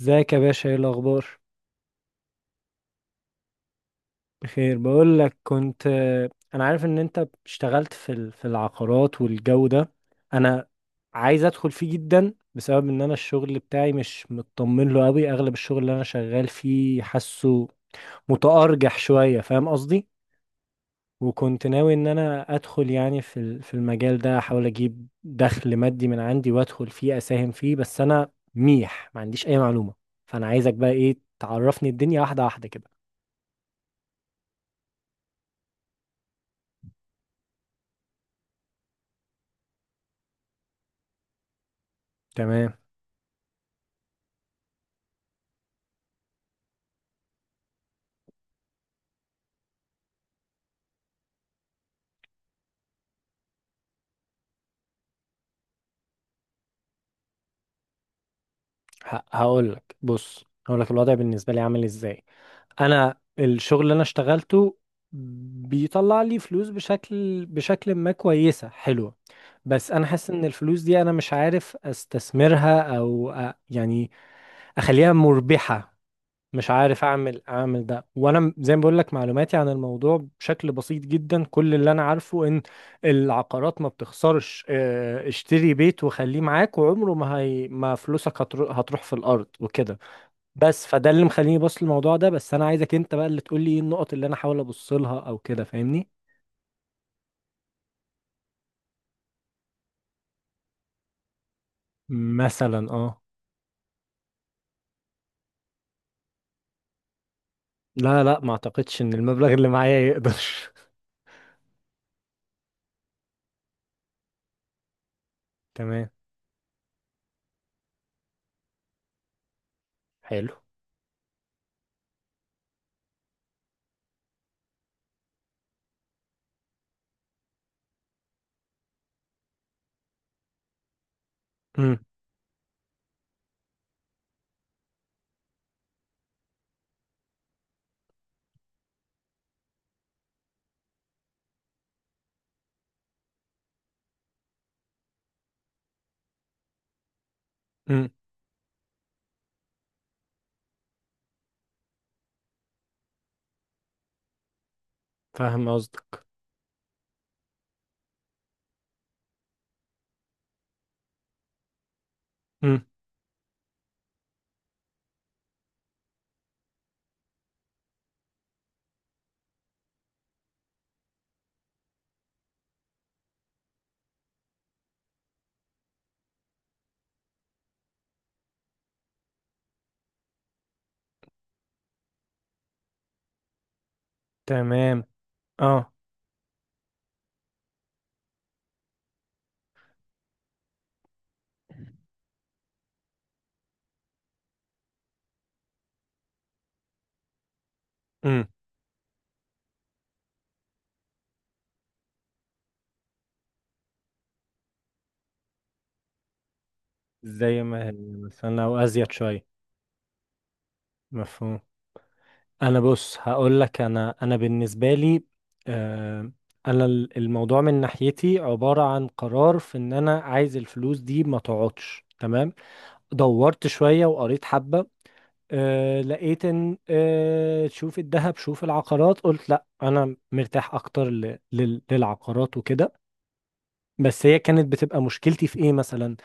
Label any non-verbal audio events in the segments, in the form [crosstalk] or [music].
ازيك يا باشا، ايه الاخبار؟ بخير، بقول لك كنت انا عارف ان انت اشتغلت في في العقارات والجو ده. انا عايز ادخل فيه جدا، بسبب ان انا الشغل بتاعي مش مطمن له قوي. اغلب الشغل اللي انا شغال فيه حاسه متأرجح شوية، فاهم قصدي؟ وكنت ناوي ان انا ادخل يعني في في المجال ده، احاول اجيب دخل مادي من عندي وادخل فيه اساهم فيه، بس انا ميح ما عنديش اي معلومة. فانا عايزك بقى ايه، تعرفني الدنيا واحدة واحدة كده. تمام. هقول لك، بص، هقول لك الوضع بالنسبه لي عامل ازاي. انا الشغل اللي انا اشتغلته بيطلع لي فلوس بشكل ما كويسه حلوه. بس انا حاسس ان الفلوس دي، انا مش عارف استثمرها او يعني اخليها مربحه. مش عارف اعمل ده، وانا زي ما بقول لك معلوماتي عن الموضوع بشكل بسيط جدا. كل اللي انا عارفه ان العقارات ما بتخسرش، اشتري بيت وخليه معاك وعمره ما هي، ما فلوسك هتروح في الارض وكده. بس فده اللي مخليني بص للموضوع ده، بس انا عايزك انت بقى اللي تقول لي ايه النقط اللي انا احاول ابص لها او كده، فاهمني؟ مثلا اه. لا لا، ما اعتقدش ان المبلغ اللي معايا يقدر. [laughs] تمام. حلو. امم. امم. فاهم قصدك. امم. تمام. اه. امم. زي ما هي مثلا، او ازيد شويه. مفهوم. انا، بص، هقول لك، انا بالنسبه لي، آه انا الموضوع من ناحيتي عباره عن قرار في ان انا عايز الفلوس دي ما تقعدش. تمام. دورت شويه وقريت حبه، لقيت ان، شوف الذهب شوف العقارات، قلت لا انا مرتاح اكتر للعقارات وكده. بس هي كانت بتبقى مشكلتي في ايه مثلا،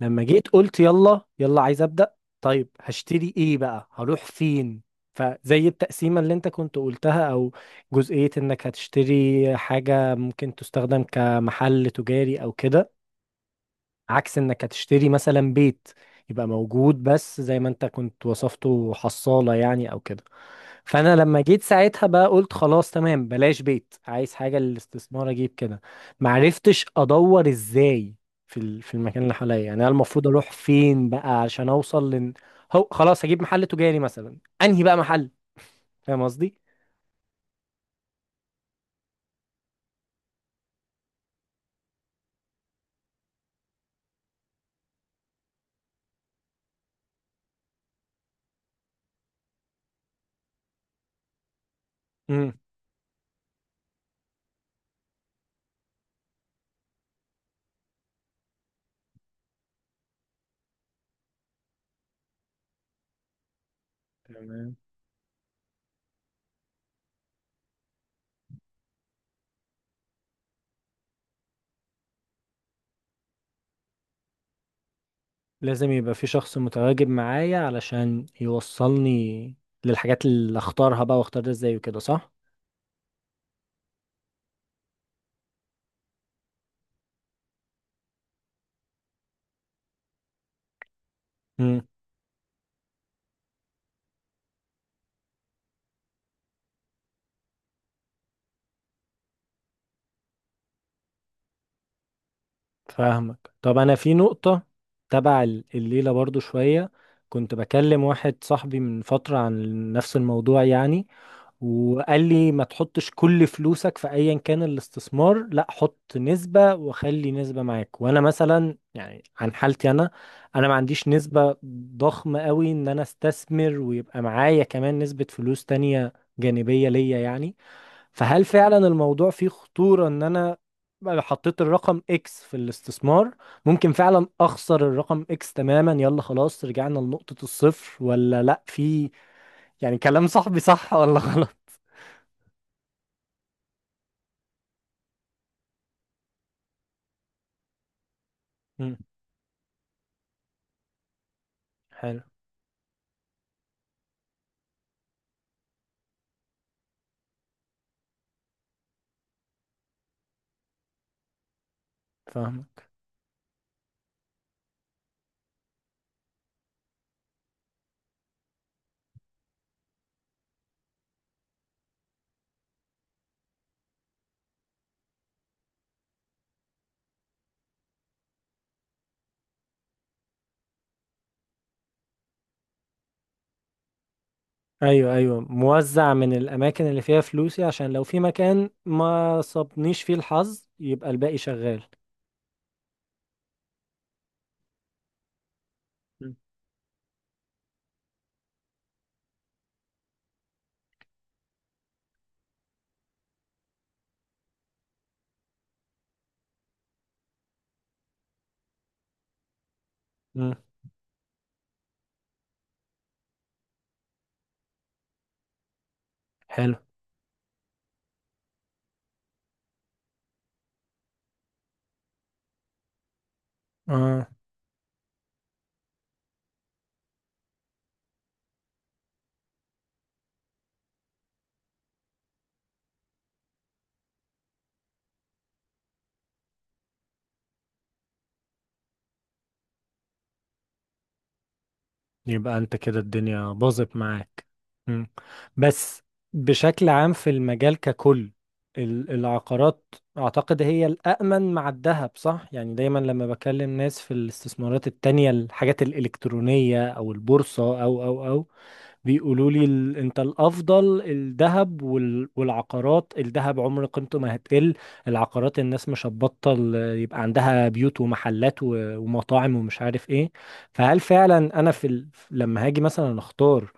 لما جيت قلت يلا يلا عايز ابدا. طيب، هشتري ايه بقى؟ هروح فين؟ فزي التقسيمة اللي انت كنت قلتها، او جزئية انك هتشتري حاجة ممكن تستخدم كمحل تجاري او كده. عكس انك هتشتري مثلا بيت يبقى موجود، بس زي ما انت كنت وصفته حصالة يعني، او كده. فانا لما جيت ساعتها بقى قلت خلاص، تمام، بلاش بيت، عايز حاجه للاستثمار، اجيب كده. معرفتش ادور ازاي، في في المكان اللي حواليا، يعني انا المفروض اروح فين بقى عشان اوصل لن. هو خلاص هجيب محل تجاري مثلا، انهي بقى محل؟ فاهم قصدي؟ امم. تمام. لازم يبقى في شخص متواجد معايا علشان يوصلني للحاجات اللي اختارها بقى، واختار ده ازاي وكده، صح؟ فاهمك، طب انا في نقطة تبع الليلة برضو شوية. كنت بكلم واحد صاحبي من فترة عن نفس الموضوع يعني. وقال لي ما تحطش كل فلوسك في ايا كان الاستثمار، لا، حط نسبة وخلي نسبة معاك، وانا مثلا يعني عن حالتي انا. انا ما عنديش نسبة ضخمة قوي ان انا استثمر ويبقى معايا كمان نسبة فلوس تانية جانبية ليا يعني. فهل فعلا الموضوع فيه خطورة ان انا بقى حطيت الرقم اكس في الاستثمار، ممكن فعلا اخسر الرقم اكس تماما، يلا خلاص، رجعنا لنقطة الصفر، ولا لا، في يعني، كلام صاحبي صح ولا غلط؟ مم، حلو. فاهمك، ايوه ايوه، موزع من الاماكن اللي فيها فلوسي، عشان لو في مكان ما صابنيش فيه الحظ يبقى الباقي شغال. مم. مم، حلو، اه. يبقى انت كده الدنيا باظت معاك. مم. بس. بشكل عام في المجال ككل، العقارات اعتقد هي الأأمن مع الذهب صح، يعني دايما لما بكلم ناس في الاستثمارات التانية، الحاجات الإلكترونية او البورصة او. بيقولوا لي انت الافضل الذهب والعقارات، الذهب عمر قيمته ما هتقل. العقارات الناس مش هتبطل يبقى عندها بيوت ومحلات ومطاعم ومش عارف ايه. فهل فعلا انا في لما هاجي مثلا اختار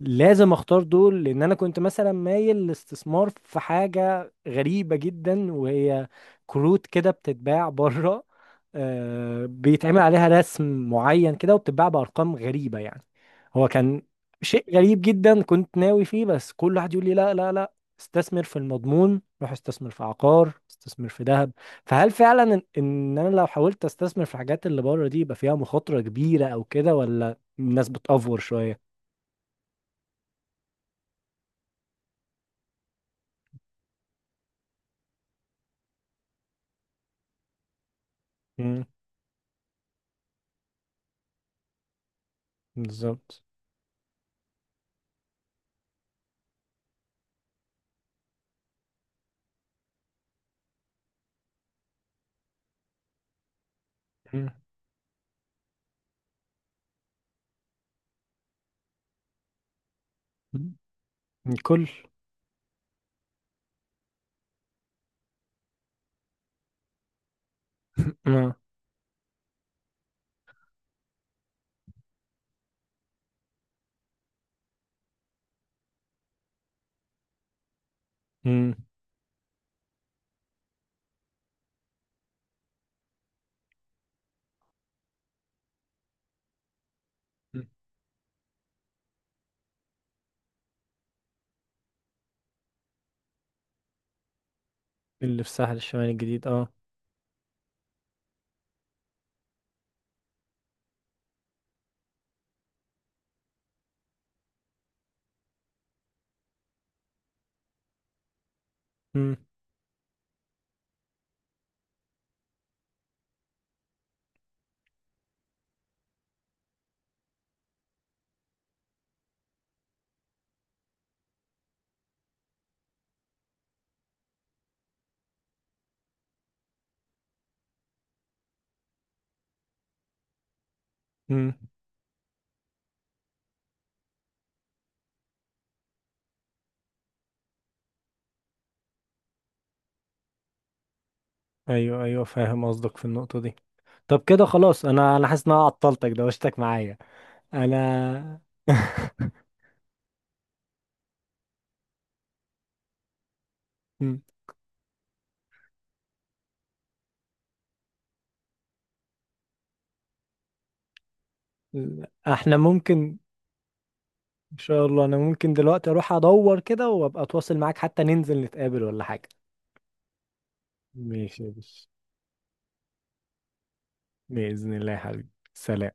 لازم اختار دول، لان انا كنت مثلا مايل للاستثمار في حاجة غريبة جدا، وهي كروت كده بتتباع بره. بيتعمل عليها رسم معين كده وبتتباع بارقام غريبة يعني. هو كان شيء غريب جدا كنت ناوي فيه، بس كل واحد يقول لي لا لا لا، استثمر في المضمون، روح استثمر في عقار، استثمر في ذهب. فهل فعلا إن انا لو حاولت استثمر في الحاجات اللي بره دي يبقى فيها مخاطرة كبيرة او كده، ولا الناس بتأفور شوية؟ بالظبط. مم. مم. الكل. [laughs] اه. مم. اللي في الساحل الشمالي الجديد، اه. مم. مم. ايوه ايوه، فاهم قصدك في النقطة دي. طب كده خلاص، انا حاسس ان انا عطلتك دوشتك معايا، انا. [laughs] مم. لا، احنا ممكن. ان شاء الله انا ممكن دلوقتي اروح ادور كده وابقى اتواصل معاك، حتى ننزل نتقابل ولا حاجة. ماشي يا باشا، بإذن الله يا حبيبي، سلام.